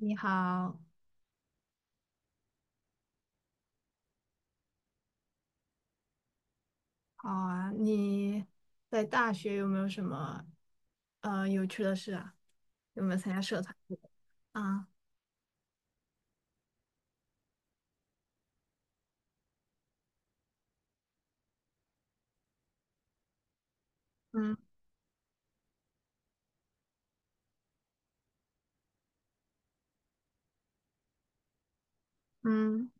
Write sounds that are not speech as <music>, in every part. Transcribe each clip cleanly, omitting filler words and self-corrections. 你好，好啊，你在大学有没有什么有趣的事啊？有没有参加社团之类的啊，嗯嗯，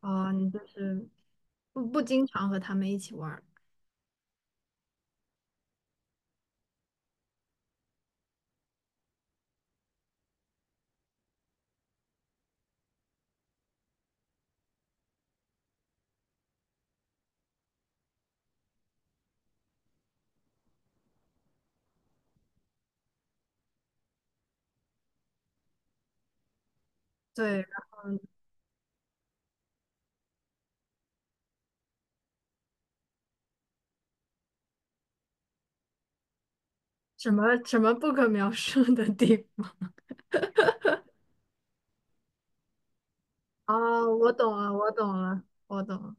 哦，你就是不经常和他们一起玩儿，对，什么什么不可描述的地方？哦，我懂了，我懂了，我懂了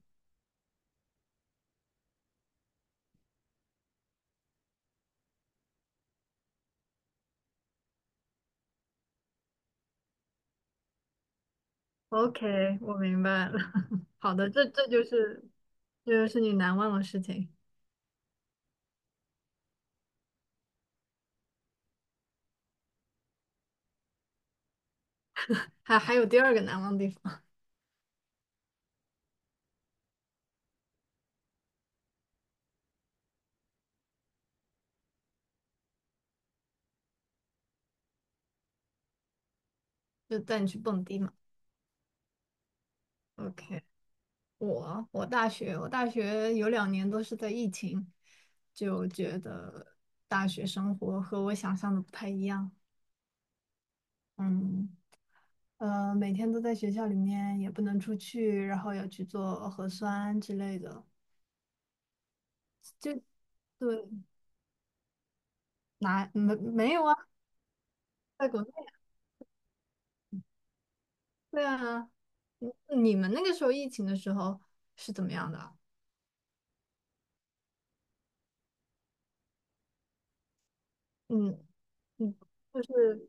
，OK，我明白了。<laughs> 好的，这就是这就是你难忘的事情，还有第二个难忘的地方，就带你去蹦迪嘛，OK。我大学有两年都是在疫情，就觉得大学生活和我想象的不太一样。嗯，每天都在学校里面，也不能出去，然后要去做核酸之类的。就对，哪没没有啊？在国内，对啊。你你们那个时候疫情的时候是怎么样的啊？嗯嗯，就是。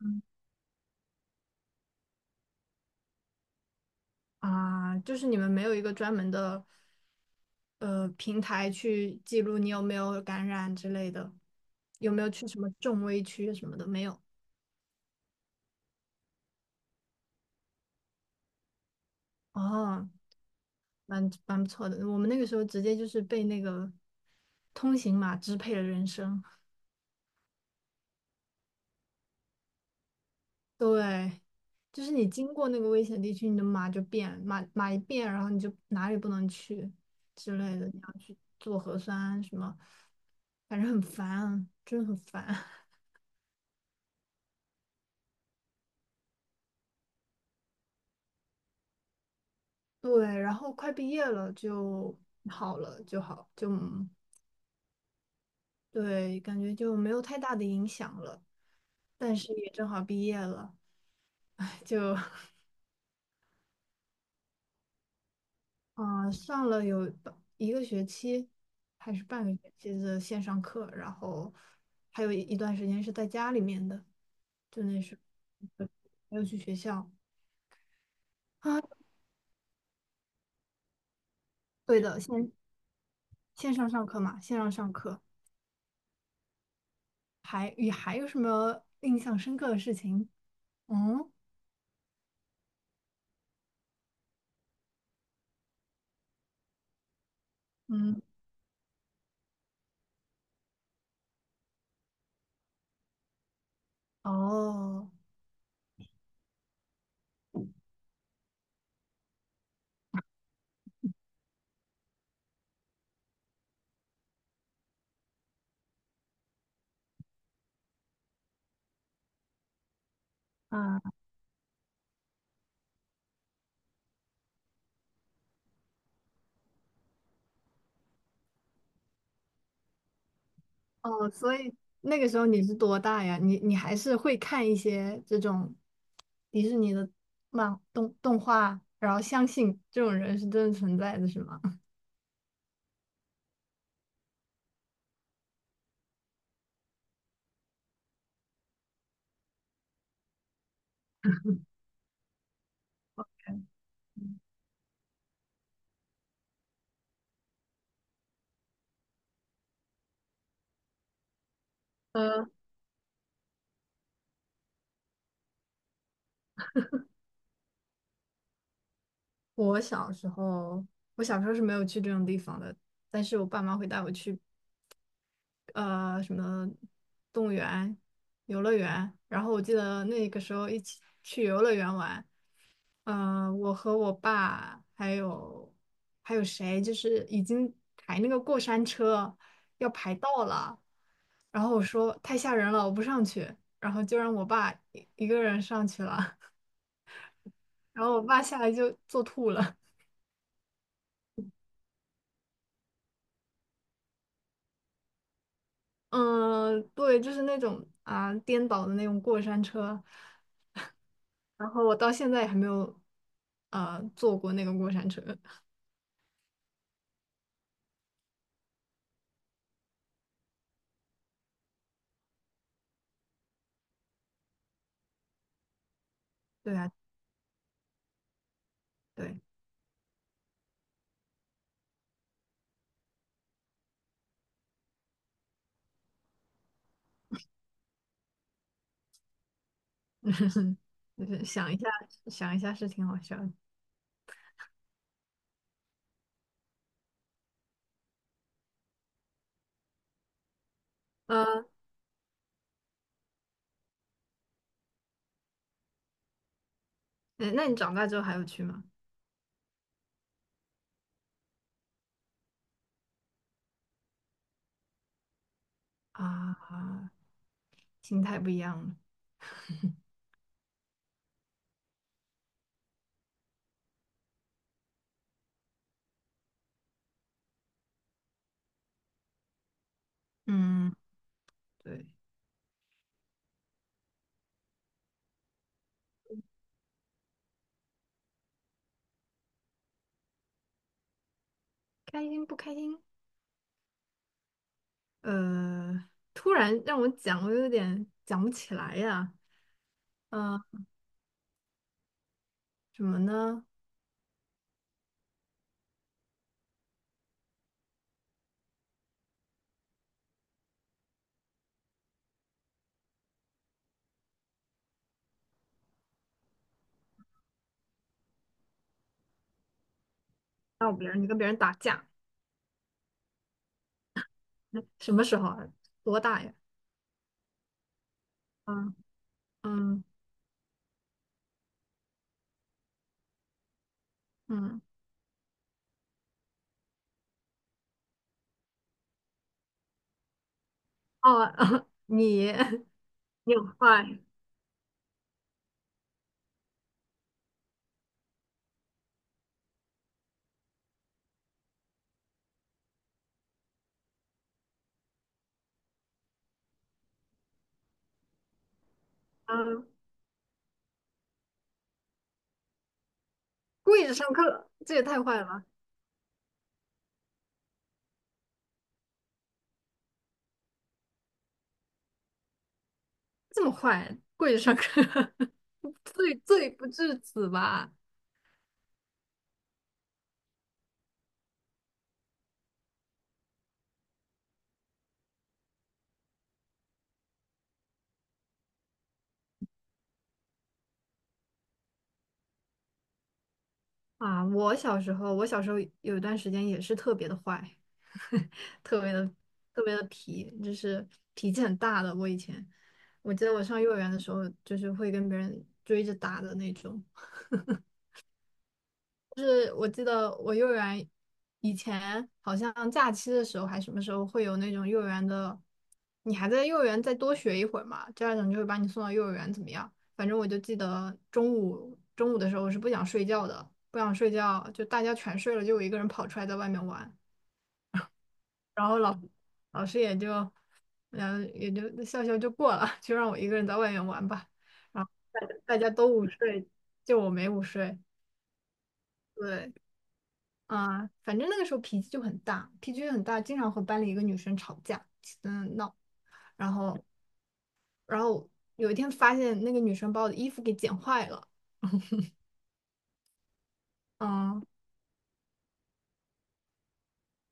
嗯，啊，就是你们没有一个专门的平台去记录你有没有感染之类的，有没有去什么重危区什么的，没有。哦，蛮蛮不错的。我们那个时候直接就是被那个通行码支配了人生。对，就是你经过那个危险地区，你的码就变，码一变，然后你就哪里不能去之类的，你要去做核酸什么，反正很烦啊，真的很烦。对，然后快毕业了就好了，就好，就嗯对，感觉就没有太大的影响了。但是也正好毕业了，<laughs> 就上了有半一个学期还是半个学期的线上课，然后还有一段时间是在家里面的，就那时候没有去学校啊。对的，线上上课，还也还有什么印象深刻的事情？嗯嗯。哦，啊，哦，所以那个时候你是多大呀？你你还是会看一些这种迪士尼的漫动画，然后相信这种人是真的存在的，是吗？<laughs> 呃，我小时候，我小时候是没有去这种地方的，但是我爸妈会带我去什么动物园、游乐园，然后我记得那个时候一起去游乐园玩，我和我爸还有还有谁，就是已经排那个过山车要排到了，然后我说太吓人了，我不上去，然后就让我爸一个人上去了，<laughs> 然后我爸下来就坐吐了。嗯，对，就是那种啊颠倒的那种过山车，然后我到现在也还没有坐过那个过山车。对啊，对，就是想一下想一下是挺好笑的。嗯，那那你长大之后还有去吗？啊，心态不一样了。嗯，对，开心不开心？呃，突然让我讲，我有点讲不起来呀。嗯、呃什么呢？闹别人，你跟别人打架，嗯什么时候啊？多大呀？嗯嗯嗯，哦，<laughs> 你 <laughs> 你很坏，嗯，跪着上课，这也太坏了吧？这么坏，跪着上课，<laughs> 罪不至此吧？啊，我小时候，我小时候有一段时间也是特别的坏，<laughs> 特别的特别的皮，就是脾气很大的。我以前，我记得我上幼儿园的时候，就是会跟别人追着打的那种。就是我记得我幼儿园以前好像假期的时候还什么时候会有那种幼儿园的，你还在幼儿园再多学一会儿嘛，家长就会把你送到幼儿园怎么样？反正我就记得中午中午的时候我是不想睡觉的，不想睡觉，就大家全睡了，就我一个人跑出来在外面玩，然后老师也就嗯也就笑笑就过了，就让我一个人在外面玩吧，然后大家大家都午睡，就我没午睡，对。啊，反正那个时候脾气就很大，脾气就很大，经常和班里一个女生吵架，嗯闹，然后然后有一天发现那个女生把我的衣服给剪坏了，<laughs> 嗯，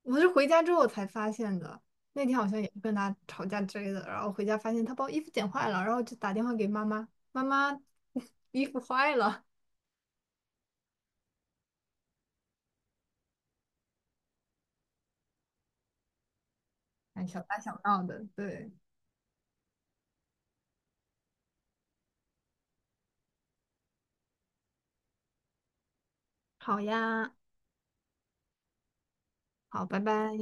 我是回家之后才发现的，那天好像也是跟她吵架之类的，然后回家发现她把我衣服剪坏了，然后就打电话给妈妈，妈妈 <laughs> 衣服坏了，<laughs> 哎，小打小闹的，对，好呀，好，拜拜。